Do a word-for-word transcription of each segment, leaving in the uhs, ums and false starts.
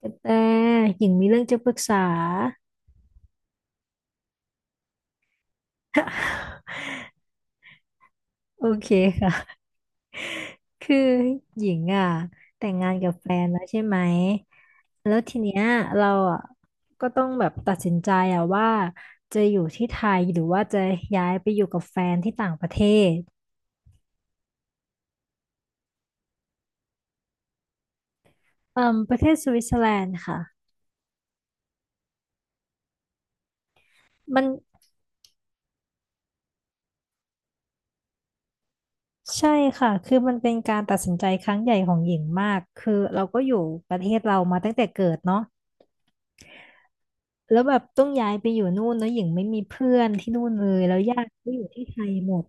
กระแตหญิงมีเรื่องจะปรึกษาโอเคค่ะคือหญิงอ่ะแต่งงานกับแฟนแล้วใช่ไหมแล้วทีเนี้ยเราอ่ะก็ต้องแบบตัดสินใจอ่ะว่าจะอยู่ที่ไทยหรือว่าจะย้ายไปอยู่กับแฟนที่ต่างประเทศเอ่อประเทศสวิตเซอร์แลนด์ค่ะมันใช่ค่ะคือมันเป็นการตัดสินใจครั้งใหญ่ของหญิงมากคือเราก็อยู่ประเทศเรามาตั้งแต่เกิดเนาะ แล้วแบบต้องย้ายไปอยู่นู่นแล้วหญิงไม่มีเพื่อนที่นู่นเลยแล้วญาติก็อยู่ที่ไทยหมด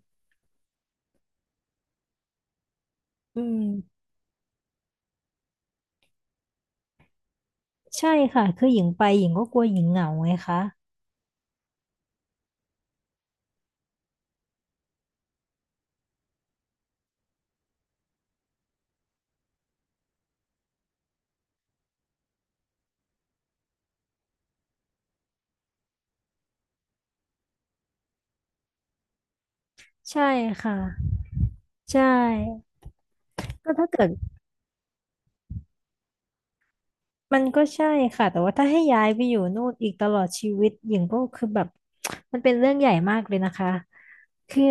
อืมใช่ค่ะคือหญิงไปหญิงก็กลัวหญิงเหงาไงคะใช่ค่ะใช่ก็ถ้าเกิด มันก็ใช่ค่ะแต่ว่าถ้าให้ย้ายไปอยู่นู่นอีกตลอดชีวิตหญิงก็คือแบบ มันเป็นเรื่องใหญ่มากเลยนะคะคือ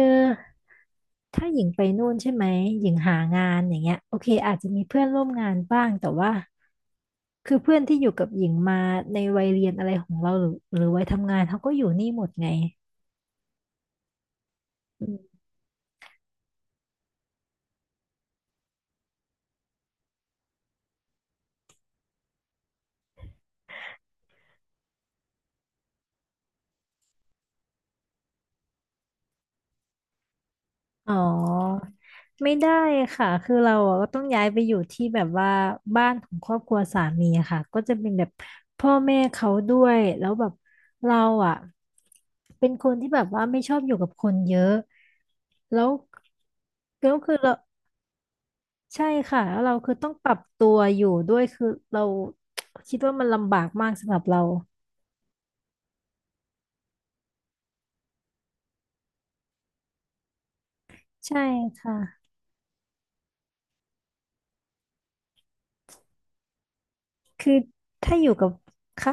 ถ้าหญิงไปนู่นใช่ไหมหญิงหางานอย่างเงี้ยโอเคอาจจะมีเพื่อนร่วมงานบ้างแต่ว่าคือเพื่อนที่อยู่กับหญิงมาในวัยเรียนอะไรของเราหรือหรือวัยทำงานเขาก็อยู่นี่หมดไงอืม อ๋อไม่ได้ค่ะคือเราอะก็ต้องย้ายไปอยู่ที่แบบว่าบ้านของครอบครัวสามีอะค่ะก็จะเป็นแบบพ่อแม่เขาด้วยแล้วแบบเราอ่ะเป็นคนที่แบบว่าไม่ชอบอยู่กับคนเยอะแล้วแล้วคือเราใช่ค่ะแล้วเราคือต้องปรับตัวอยู่ด้วยคือเราคิดว่ามันลำบากมากสำหรับเราใช่ค่ะคือถ้าอยู่กับค่ะ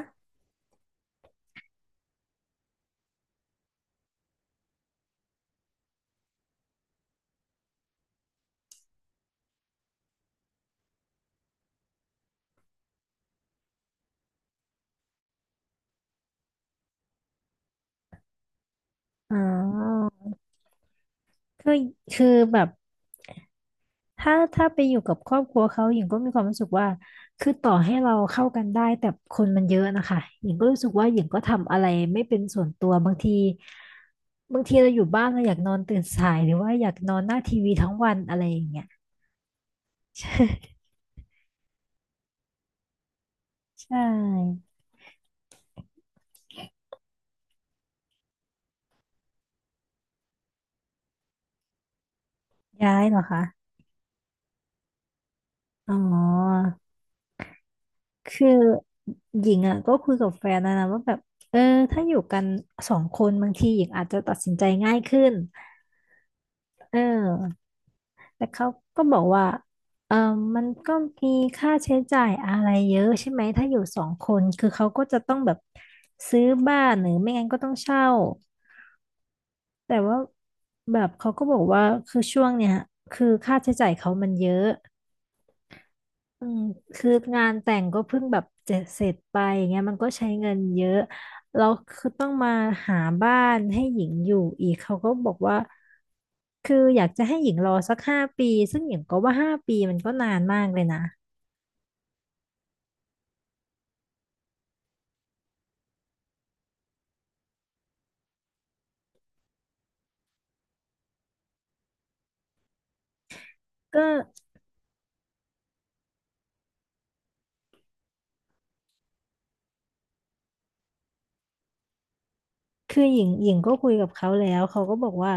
อ๋อคือคือแบบ ถ้าถ้าไปอยู่กับครอบครัวเขาหญิงก็มีความรู้สึกว่าคือต่อให้เราเข้ากันได้แต่คนมันเยอะนะคะหญิงก็รู้สึกว่าหญิงก็ทำอะไรไม่เป็นส่วนตัวบางทีบางทีเราอยู่บ้านเราอยากนอนตื่นสายหรือว่าอยากนอนหน้าทีวีทั้งวันอะไรอย่างเงี้ย ใช่ใช่ย้ายเหรอคะอ๋อคือหญิงอ่ะก็คุยกับแฟนนะนะว่าแบบเออถ้าอยู่กันสองคนบางทีหญิงอาจจะตัดสินใจง่ายขึ้นเออ แต่เขาก็บอกว่าเออมันก็มีค่าใช้จ่ายอะไรเยอะใช่ไหม ถ้าอยู่สองคน คือเขาก็จะต้องแบบซื้อบ้านหรือไม่งั้นก็ต้องเช่า แต่ว่าแบบเขาก็บอกว่าคือช่วงเนี้ยคือค่าใช้จ่ายเขามันเยอะ อืมคืองานแต่งก็เพิ่งแบบเจะเสร็จไปอย่างเงี้ยมันก็ใช้เงินเยอะแล้วคือต้องมาหาบ้านให้หญิงอยู่อีกเขาก็บอกว่าคืออยากจะให้หญิงรอสักห้าปีซึ่งหญิงก็ว่าห้าปีมันก็นานมากเลยนะก็คือหญิงหญิงก็คุยกับเขาแล้วเขาก็บอกว่า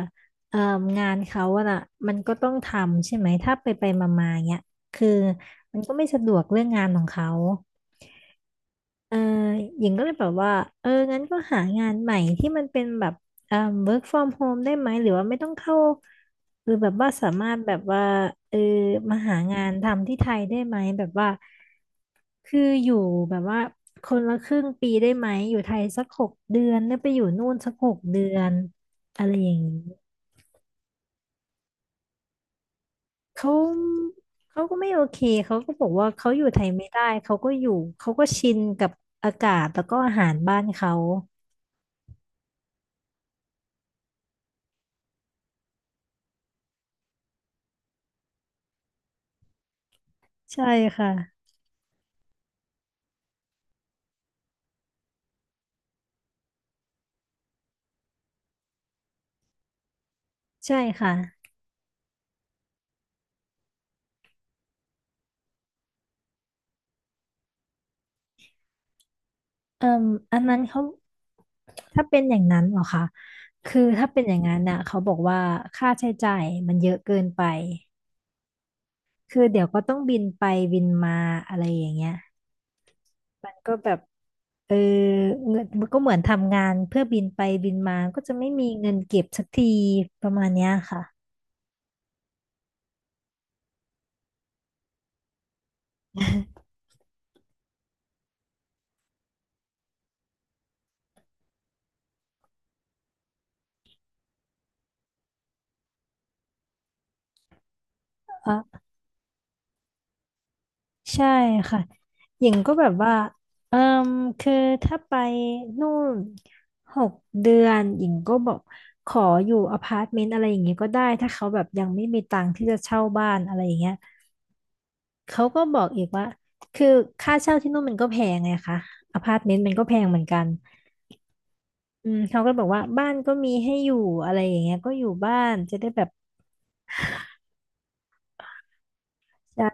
เอ่องานเขาอะน่ะมันก็ต้องทำใช่ไหมถ้าไปไปมามาๆเงี้ยคือมันก็ไม่สะดวกเรื่องงานของเขา เออหญิงก็เลยแบบว่าเอองั้นก็หางานใหม่ที่มันเป็นแบบเอ่อ work from home ได้ไหมหรือว่าไม่ต้องเข้าหรือแบบว่าสามารถแบบว่าเออมาหางานทำที่ไทยได้ไหมแบบว่าคืออยู่แบบว่าคนละครึ่งปีได้ไหมอยู่ไทยสักหกเดือนแล้วไปอยู่นู่นสักหกเดือนอะไรอย่างนี้เขาเขาก็ไม่โอเคเขาก็บอกว่าเขาอยู่ไทยไม่ได้เขาก็อยู่เขาก็ชินกับอากาศแล้วก็อาหารบ้านเขาใช่ค่ะ ใช่ค่ะเอ่มอันนั้นเขาถ้าเป็นอย่างนั้นเหรอคะคือถ้าเป็นอย่างนั้นน่ะเขาบอกว่าค่าใช้จ่ายมันเยอะเกินไปคือเดี๋ยวก็ต้องบินไปบินมาอะไรอย่างเงี้ยมันก็แบบเออเงินมันก็เหมือนทำงานเพื่อบินไปบินมาก็จะไม่มีเงินเก็บสักทีประมาณเนี้ยค่ะ ใช่ค่ะหญิงก็แบบว่าเอ่มคือถ้าไปนู่นหกเดือนหญิงก็บอกขออยู่อพาร์ตเมนต์อะไรอย่างเงี้ยก็ได้ถ้าเขาแบบยังไม่มีตังค์ที่จะเช่าบ้านอะไรอย่างเงี้ยเขาก็บอกอีกว่าคือค่าเช่าที่นู่นมันก็แพงไงคะอพาร์ตเมนต์มันก็แพงเหมือนกันอืมเขาก็บอกว่าบ้านก็มีให้อยู่อะไรอย่างเงี้ยก็อยู่บ้านจะได้แบบใช่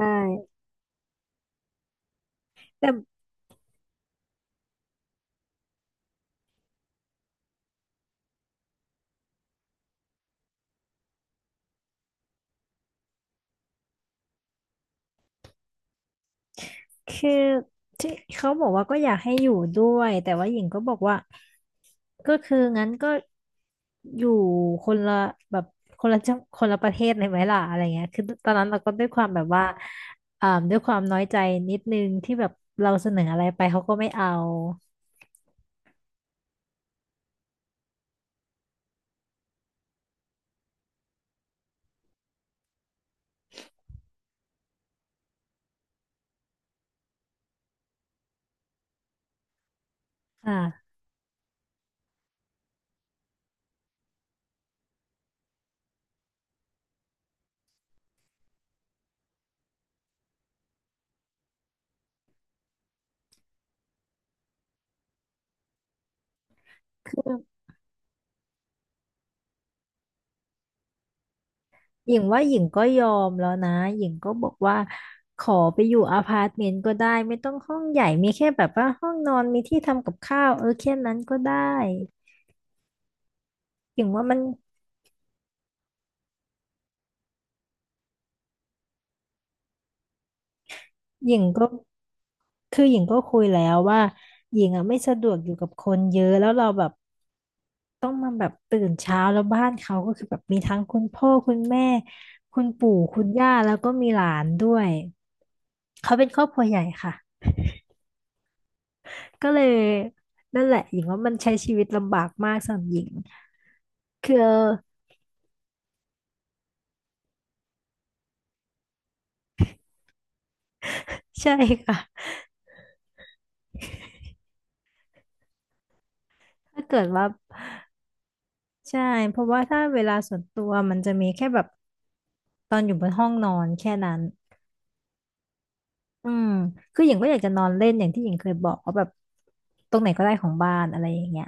แต่ คือที่เขาบอกว่าก็อยากให้อยู่ด้วยแต่ว่าหญิงก็บอกว่าก็คืองั้นก็อยู่คนละแบบคนละจังคนละประเทศเลยไหมล่ะอะไรเงี้ยคือตอนนั้นเราก็ด้วยความแบบว่าอ่าด้วยความน้อยใจนิดนึงที่แบบเราเสนออะไรไปเขาก็ไม่เอาอ่าคือหญิงว่าหญิงก็ยอมแล้วนะหญิงก็บอกว่าขอไปอยู่อพาร์ตเมนต์ก็ได้ไม่ต้องห้องใหญ่มีแค่แบบว่าห้องนอนมีที่ทำกับข้าวเออแค่นั้นก็ได้ หญิงว่ามันหญิงก็คือหญิงก็คุยแล้วว่าหญิงอ่ะไม่สะดวกอยู่กับคนเยอะแล้วเราแบบต้องมาแบบตื่นเช้าแล้วบ้านเขาก็คือแบบมีทั้งคุณพ่อคุณแม่คุณปู่คุณย่าแล้วก็มีหลานด้วยเขาเป็นครอบครัวใหญ่ค่ะก็เลยนั่นแหละหญิงว่ามันใช้ชีวิตลำบากมากสำหรับหญิงคือใช่ค่ะถ้าเกิดว่าใช่เพราะว่าถ้าเวลาส่วนตัวมันจะมีแค่แบบตอนอยู่บนห้องนอนแค่นั้น อืมคือหญิงก็อยากจะนอนเล่นอย่างที่หญิงเคยบอกว่าแบบตรงไหนก็ได้ของบ้านอะไรอย่างเงี้ย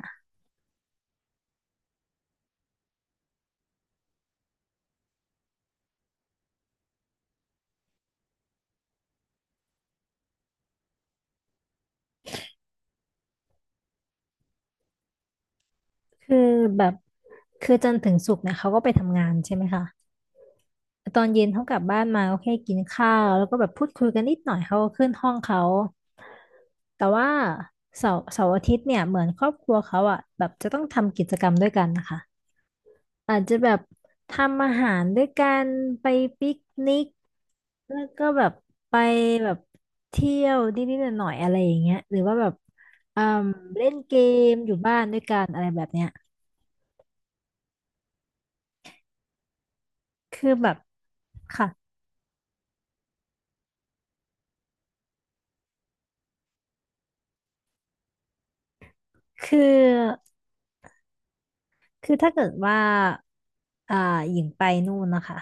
คือแบบคือจันทร์ถึงศุกร์เนี่ยเขาก็ไปทำงานใช่ไหมคะตอนเย็นเขากลับบ้านมาก็แค่กินข้าวแล้วก็แบบพูดคุยกันนิดหน่อยเขาก็ขึ้นห้องเขาแต่ว่าเสาร์เสาร์อาทิตย์เนี่ยเหมือนครอบครัวเขาอ่ะแบบจะต้องทำกิจกรรมด้วยกันนะคะ อาจจะแบบทำอาหารด้วยกันไปปิกนิกแล้วก็แบบไปแบบเที่ยวนิดๆหน่อยๆอะไรอย่างเงี้ยหรือว่าแบบเอ่มเล่นเกมอยู่บ้านด้วยกันอะไรแบบเนี้ยคือแบบค่ะคือคือถ้าเกิดว่าอ่าหญิงไปนู่นนะคะ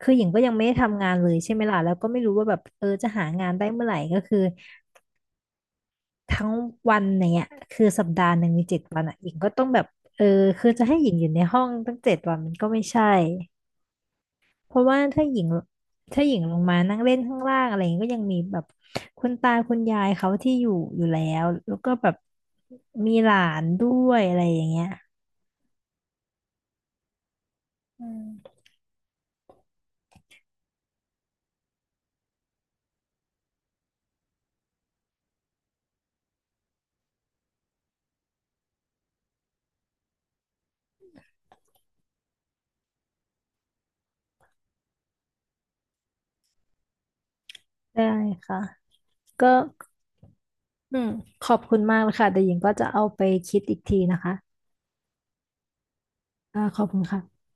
คือหญิงก็ยังไม่ได้ทำงานเลยใช่ไหมล่ะแล้วก็ไม่รู้ว่าแบบเออจะหางานได้เมื่อไหร่ก็คือ ทั้งวันอย่างเงี้ยคือสัปดาห์หนึ่งมีเจ็ดวันอ่ะหญิงก็ต้องแบบเออคือจะให้หญิงอยู่ในห้องตั้งเจ็ดวันมันก็ไม่ใช่เพราะว่าถ้าหญิงถ้าหญิงลงมานั่งเล่นข้างล่างอะไรอย่างเงี้ยก็ยังมีแบบคุณตาคุณยายเขาที่อยู่อยู่แล้วแล้วก็แบบมีหลานด้วยอะไรอย่างเงี้ยอืมได้ค่ะก็อืมขอบคุณมากเลยค่ะแต่หญิงก็จะเอาไปคิดอีกทีนะคะอ่าขอบคุณค่ะ